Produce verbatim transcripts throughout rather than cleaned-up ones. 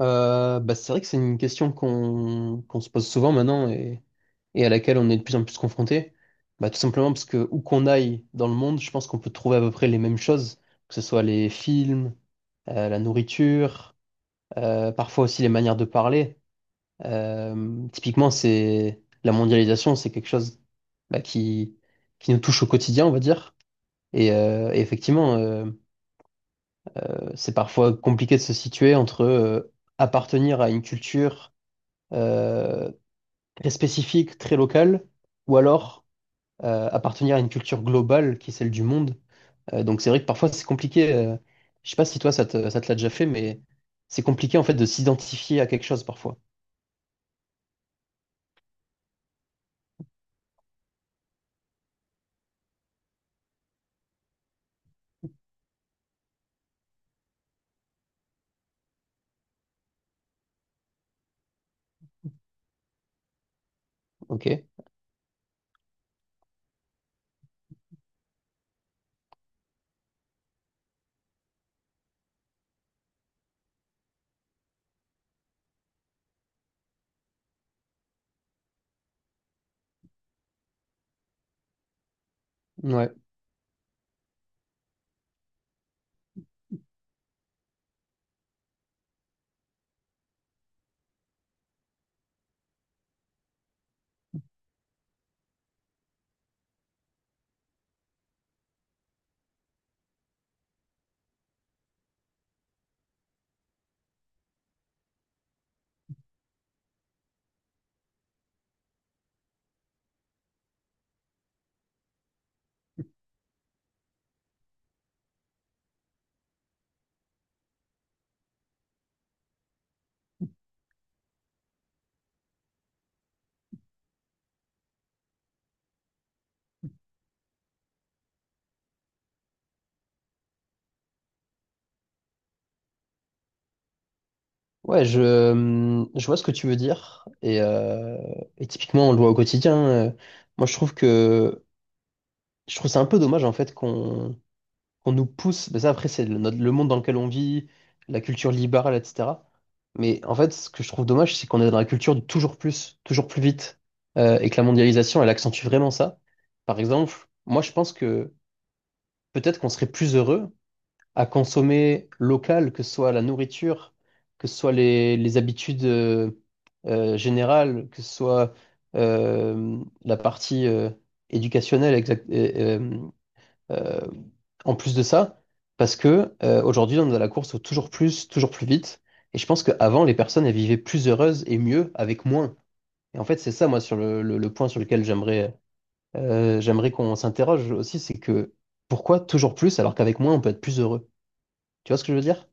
Euh, bah, c'est vrai que c'est une question qu'on qu'on se pose souvent maintenant et, et à laquelle on est de plus en plus confronté. Bah, tout simplement parce que où qu'on aille dans le monde, je pense qu'on peut trouver à peu près les mêmes choses, que ce soit les films, euh, la nourriture, euh, parfois aussi les manières de parler. Euh, typiquement, c'est la mondialisation, c'est quelque chose bah, qui, qui nous touche au quotidien, on va dire. Et, euh, et effectivement, euh, euh, c'est parfois compliqué de se situer entre euh, appartenir à une culture euh, très spécifique, très local, ou alors euh, appartenir à une culture globale qui est celle du monde. Euh, donc c'est vrai que parfois c'est compliqué. Euh, je sais pas si toi ça te, ça te l'a déjà fait, mais c'est compliqué en fait de s'identifier à quelque chose parfois. Ok. Ouais. Ouais, je, euh, je vois ce que tu veux dire. Et, euh, et typiquement, on le voit au quotidien. euh, Moi, je trouve que je trouve c'est un peu dommage en fait qu'on qu'on nous pousse. Mais ça, après, c'est le, notre- le monde dans lequel on vit, la culture libérale, et cetera. Mais en fait, ce que je trouve dommage, c'est qu'on est dans la culture du toujours plus, toujours plus vite, euh, et que la mondialisation, elle accentue vraiment ça. Par exemple, moi, je pense que peut-être qu'on serait plus heureux à consommer local, que ce soit la nourriture, que ce soit les, les habitudes euh, euh, générales, que ce soit euh, la partie euh, éducationnelle exact- et, euh, euh, en plus de ça, parce que euh, aujourd'hui on est à la course au toujours plus, toujours plus vite, et je pense qu'avant les personnes elles vivaient plus heureuses et mieux avec moins. Et en fait c'est ça moi sur le, le- le point sur lequel j'aimerais euh, j'aimerais qu'on s'interroge aussi, c'est que pourquoi toujours plus alors qu'avec moins on peut être plus heureux? Tu vois ce que je veux dire?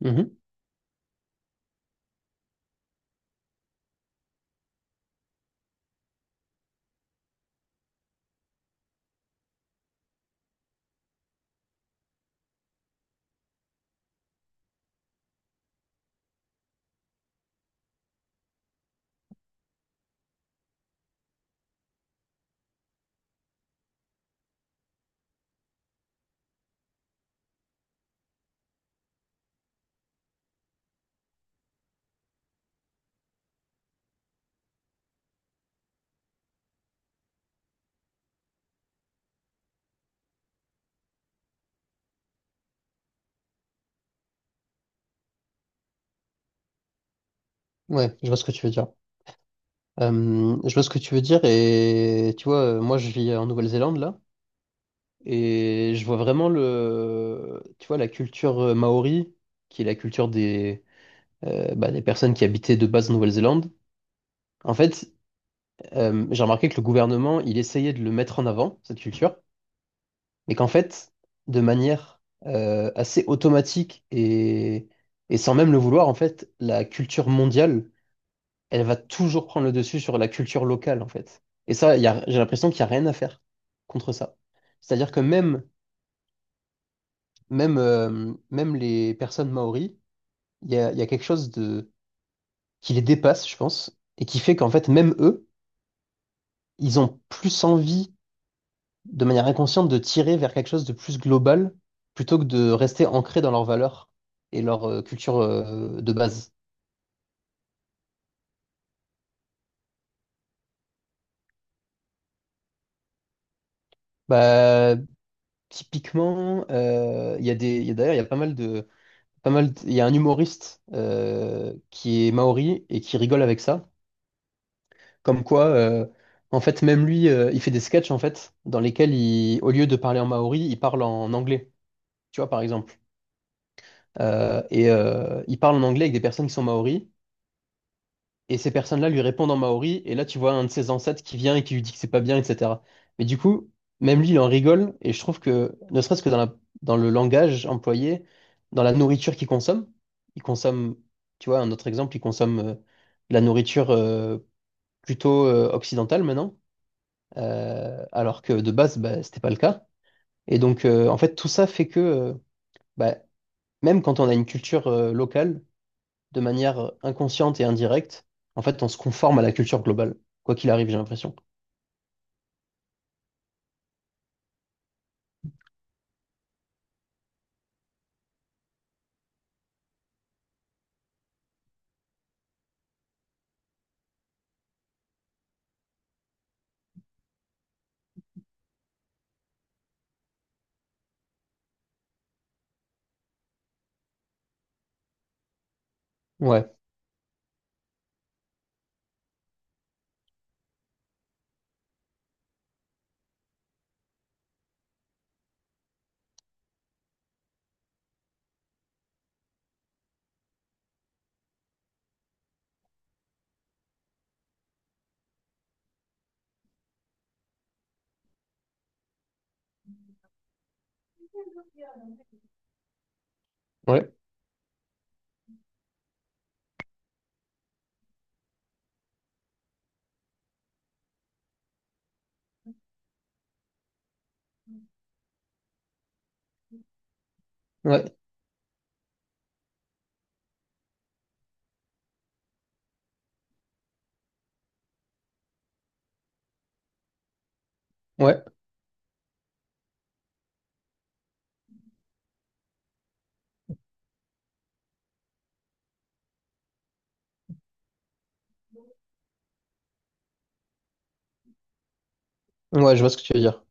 Mhm. Ouais, je vois ce que tu veux dire. Euh, je vois ce que tu veux dire et tu vois, euh, moi je vis en Nouvelle-Zélande là et je vois vraiment le, tu vois, la culture euh, maori qui est la culture des, euh, bah, des personnes qui habitaient de base en Nouvelle-Zélande. En fait, euh, j'ai remarqué que le gouvernement il essayait de le mettre en avant cette culture, mais qu'en fait, de manière euh, assez automatique et et sans même le vouloir, en fait, la culture mondiale elle va toujours prendre le dessus sur la culture locale, en fait. Et ça, il y a- j'ai l'impression qu'il n'y a rien à faire contre ça. C'est-à-dire que même, même, euh, même les personnes maoris, il y a, il y a quelque chose de, qui les dépasse, je pense, et qui fait qu'en fait, même eux, ils ont plus envie, de manière inconsciente, de tirer vers quelque chose de plus global plutôt que de rester ancrés dans leurs valeurs et leur euh, culture euh, de base. Bah, typiquement, euh, il y a des, il y a- d'ailleurs, il y a pas mal de pas mal. Il y a un humoriste euh, qui est maori et qui rigole avec ça. Comme quoi, euh, en fait, même lui, euh, il fait des sketchs en fait dans lesquels il, au lieu de parler en maori, il parle en anglais. Tu vois, par exemple. Euh, et euh, il parle en anglais avec des personnes qui sont maoris. Et ces personnes-là lui répondent en maori, et là tu vois un de ses ancêtres qui vient et qui lui dit que c'est pas bien, et cetera. Mais du coup, même lui, il en rigole, et je trouve que, ne serait-ce que dans la, dans le langage employé, dans la nourriture qu'il consomme, il consomme, tu vois, un autre exemple, il consomme euh, de la nourriture euh, plutôt euh, occidentale maintenant, euh, alors que de base, bah, c'était pas le cas. Et donc, euh, en fait, tout ça fait que, euh, bah, même quand on a une culture euh, locale, de manière inconsciente et indirecte, en fait, on se conforme à la culture globale, quoi qu'il arrive, j'ai l'impression. Ouais, ouais, ouais, ouais, ouais, je vois ce que tu veux dire.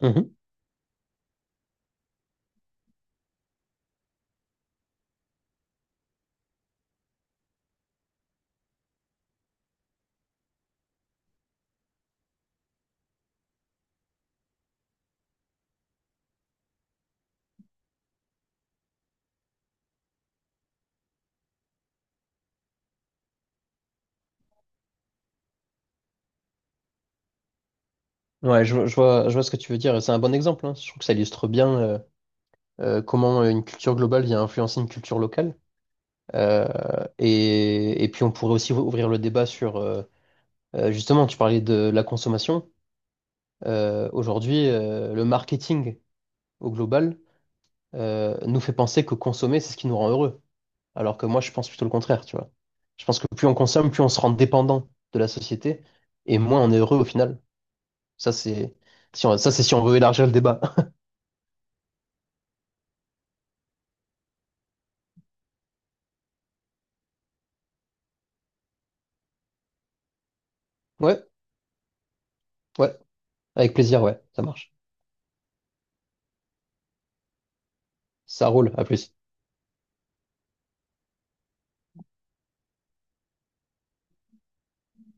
Mhm. Ouais, je, vois, je vois je vois ce que tu veux dire. C'est un bon exemple, hein. Je trouve que ça illustre bien euh, euh, comment une culture globale vient influencer une culture locale. Euh, et, et puis, on pourrait aussi ouvrir le débat sur, euh, euh, justement, tu parlais de la consommation. Euh, aujourd'hui, euh, le marketing au global euh, nous fait penser que consommer, c'est ce qui nous rend heureux. Alors que moi, je pense plutôt le contraire, tu vois. Je pense que plus on consomme, plus on se rend dépendant de la société et moins on est heureux au final. Ça, c'est si on, ça, c'est si on veut élargir le débat. Ouais, ouais, avec plaisir, ouais, ça marche. Ça roule, à plus.